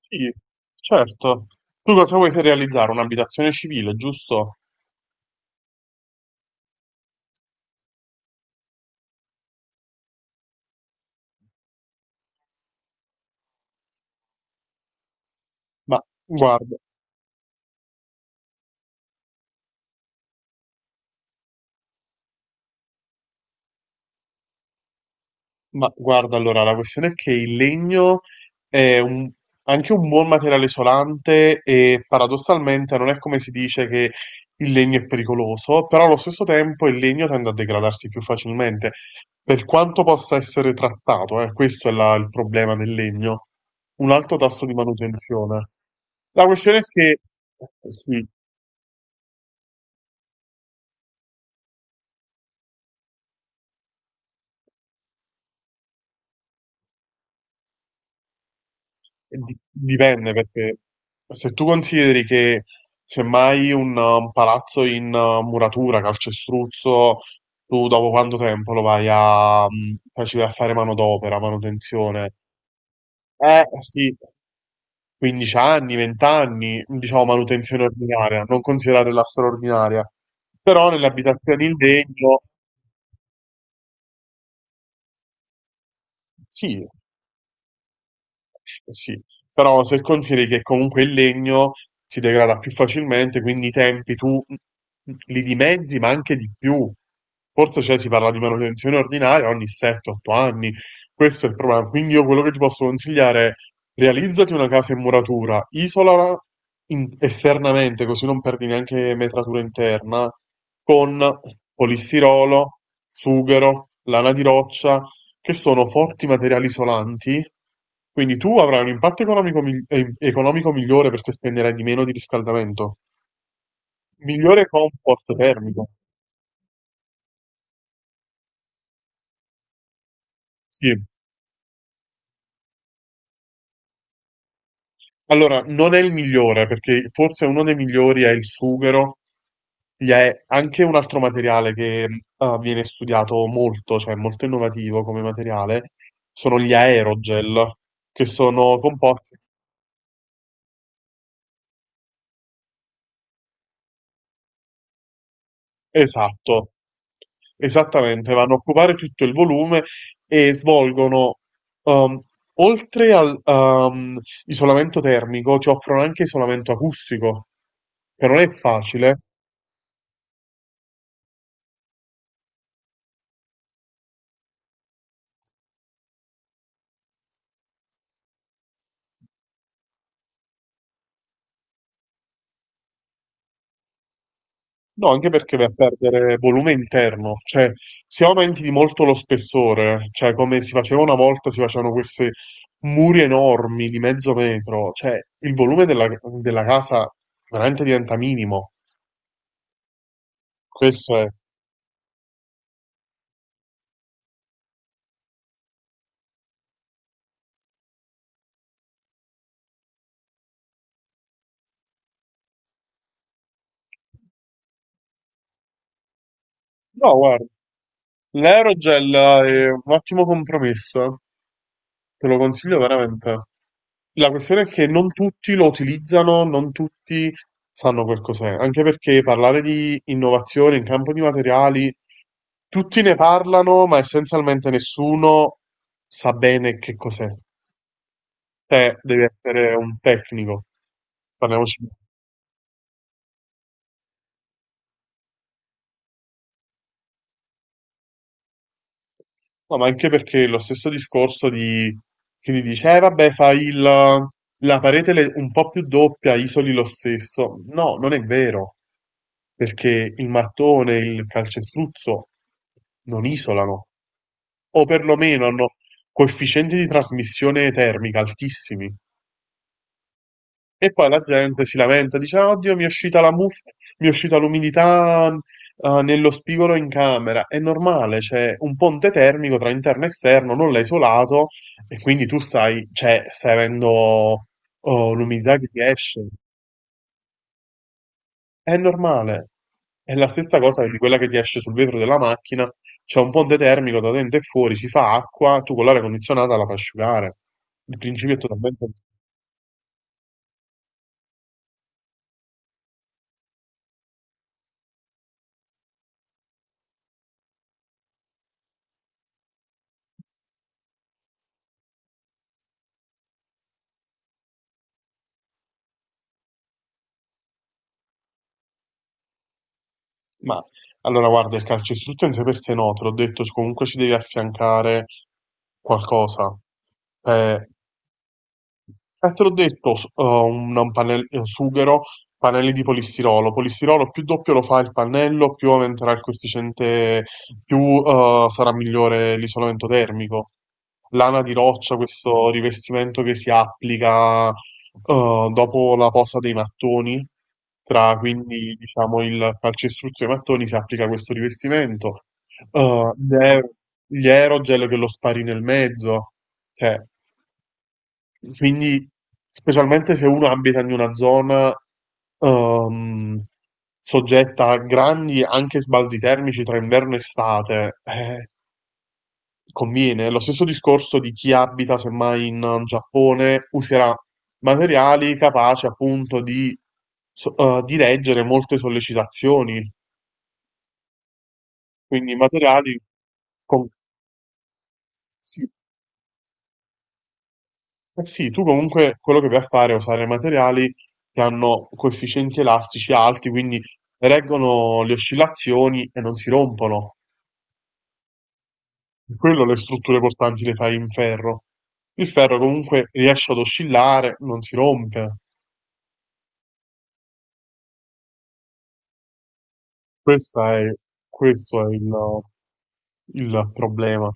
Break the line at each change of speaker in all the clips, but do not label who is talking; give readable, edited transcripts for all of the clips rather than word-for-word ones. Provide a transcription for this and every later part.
Sì, certo. Tu cosa vuoi per realizzare? Un'abitazione civile, giusto? Ma guarda, ma guarda, allora, la questione è che il legno è un- anche un buon materiale isolante e paradossalmente non è come si dice che il legno è pericoloso, però allo stesso tempo il legno tende a degradarsi più facilmente, per quanto possa essere trattato, questo è il problema del legno. Un alto tasso di manutenzione. La questione è che, sì, Dipende perché se tu consideri che semmai un palazzo in muratura, calcestruzzo, tu dopo quanto tempo lo vai a, poi ci vai a fare manodopera, manutenzione? Eh sì, 15 anni, 20 anni, diciamo manutenzione ordinaria, non considerare la straordinaria. Però nelle abitazioni in legno, sì, sì, però se consideri che comunque il legno si degrada più facilmente, quindi i tempi tu li dimezzi, ma anche di più. Forse cioè, si parla di manutenzione ordinaria ogni 7-8 anni. Questo è il problema. Quindi io quello che ti posso consigliare è realizzati una casa in muratura, isolala esternamente, così non perdi neanche metratura interna, con polistirolo, sughero, lana di roccia che sono forti materiali isolanti, quindi tu avrai un impatto economico, economico migliore perché spenderai di meno di riscaldamento. Migliore comfort termico, sì. Allora, non è il migliore, perché forse uno dei migliori è il sughero, gli è anche un altro materiale che viene studiato molto, cioè molto innovativo come materiale, sono gli aerogel, che sono composti. Esatto. Esattamente, vanno a occupare tutto il volume e svolgono, ehm, oltre al isolamento termico, ci offrono anche isolamento acustico, che non è facile, no, anche perché vai a perdere volume interno, cioè se aumenti di molto lo spessore, cioè come si faceva una volta, si facevano questi muri enormi di mezzo metro, cioè il volume della, della casa veramente diventa minimo. Questo è... No, guarda. L'aerogel è un ottimo compromesso, te lo consiglio veramente. La questione è che non tutti lo utilizzano, non tutti sanno quel cos'è, anche perché parlare di innovazione in campo di materiali, tutti ne parlano, ma essenzialmente nessuno sa bene che cos'è. Te devi essere un tecnico, parliamoci. No, ma anche perché lo stesso discorso di chi ti dice, eh vabbè, la parete un po' più doppia, isoli lo stesso. No, non è vero, perché il mattone e il calcestruzzo non isolano, o perlomeno hanno coefficienti di trasmissione termica altissimi. E poi la gente si lamenta, dice: "Ah, oddio, mi è uscita la muffa, mi è uscita l'umidità nello spigolo in camera. È normale, c'è un ponte termico tra interno e esterno, non l'hai isolato e quindi tu stai, cioè, stai avendo oh, l'umidità che ti esce. È normale. È la stessa cosa di quella che ti esce sul vetro della macchina. C'è un ponte termico da dentro e fuori, si fa acqua, tu con l'aria condizionata la fai asciugare. Il principio è totalmente. Ma allora guarda, il calcestruzzo in sé per sé no, te l'ho detto, comunque ci devi affiancare qualcosa. Eh, te l'ho detto, un, un sughero, pannelli di polistirolo. Polistirolo più doppio lo fa il pannello, più aumenterà il coefficiente, più sarà migliore l'isolamento termico. Lana di roccia, questo rivestimento che si applica dopo la posa dei mattoni, tra quindi diciamo il calcestruzzo dei mattoni, si applica questo rivestimento. Eh, gli aer- gli aerogel che lo spari nel mezzo. Cioè, quindi, specialmente se uno abita in una zona ehm, soggetta a grandi anche sbalzi termici tra inverno e estate, conviene. Lo stesso discorso di chi abita semmai in Giappone userà materiali capaci appunto di, di reggere molte sollecitazioni, quindi materiali con, sì, eh sì, tu comunque quello che vai a fare è usare materiali che hanno coefficienti elastici alti, quindi reggono le oscillazioni e non si rompono. Per quello le strutture portanti le fai in ferro. Il ferro comunque riesce ad oscillare, non si rompe. Questa è- questo è il problema.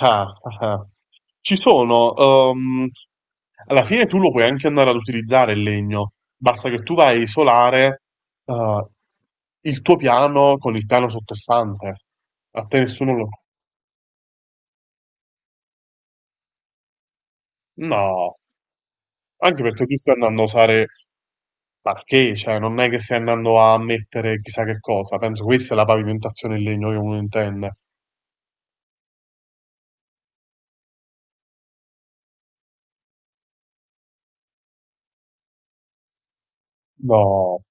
Ah, ah, ah. Ci sono, alla fine tu lo puoi anche andare ad utilizzare il legno, basta che tu vai a isolare, eh, il tuo piano con il piano sottostante. A te nessuno lo... No, anche perché tu stai andando a usare parquet, cioè non è che stai andando a mettere chissà che cosa, penso questa è la pavimentazione in legno che uno intende. No.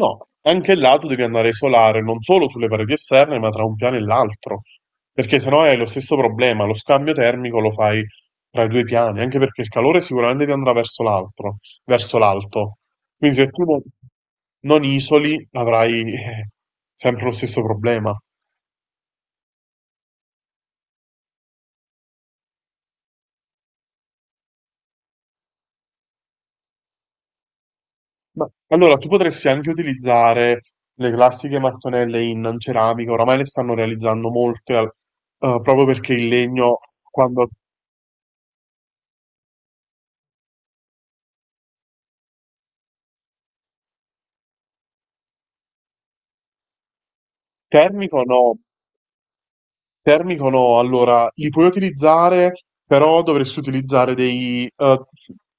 No, anche là tu devi andare a isolare non solo sulle pareti esterne, ma tra un piano e l'altro, perché sennò hai lo stesso problema, lo scambio termico lo fai tra i due piani, anche perché il calore sicuramente ti andrà verso l'altro, verso l'alto. Quindi se tu non isoli avrai sempre lo stesso problema. Ma allora tu potresti anche utilizzare le classiche mattonelle in ceramica, oramai le stanno realizzando molte, proprio perché il legno quando termico no, termico no, allora li puoi utilizzare, però dovresti utilizzare dei,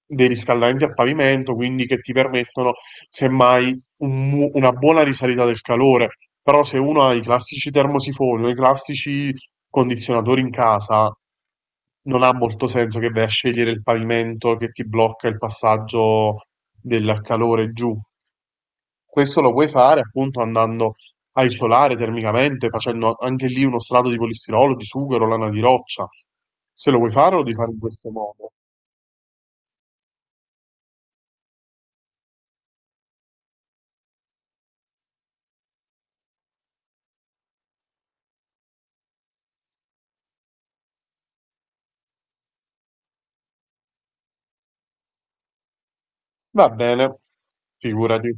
dei riscaldamenti a pavimento, quindi che ti permettono semmai una buona risalita del calore. Però se uno ha i classici termosifoni o i classici condizionatori in casa, non ha molto senso che vai a scegliere il pavimento che ti blocca il passaggio del calore giù. Questo lo puoi fare appunto andando a isolare termicamente, facendo anche lì uno strato di polistirolo, di sughero, lana di roccia. Se lo vuoi fare, lo devi fare in questo modo. Va bene, figurati.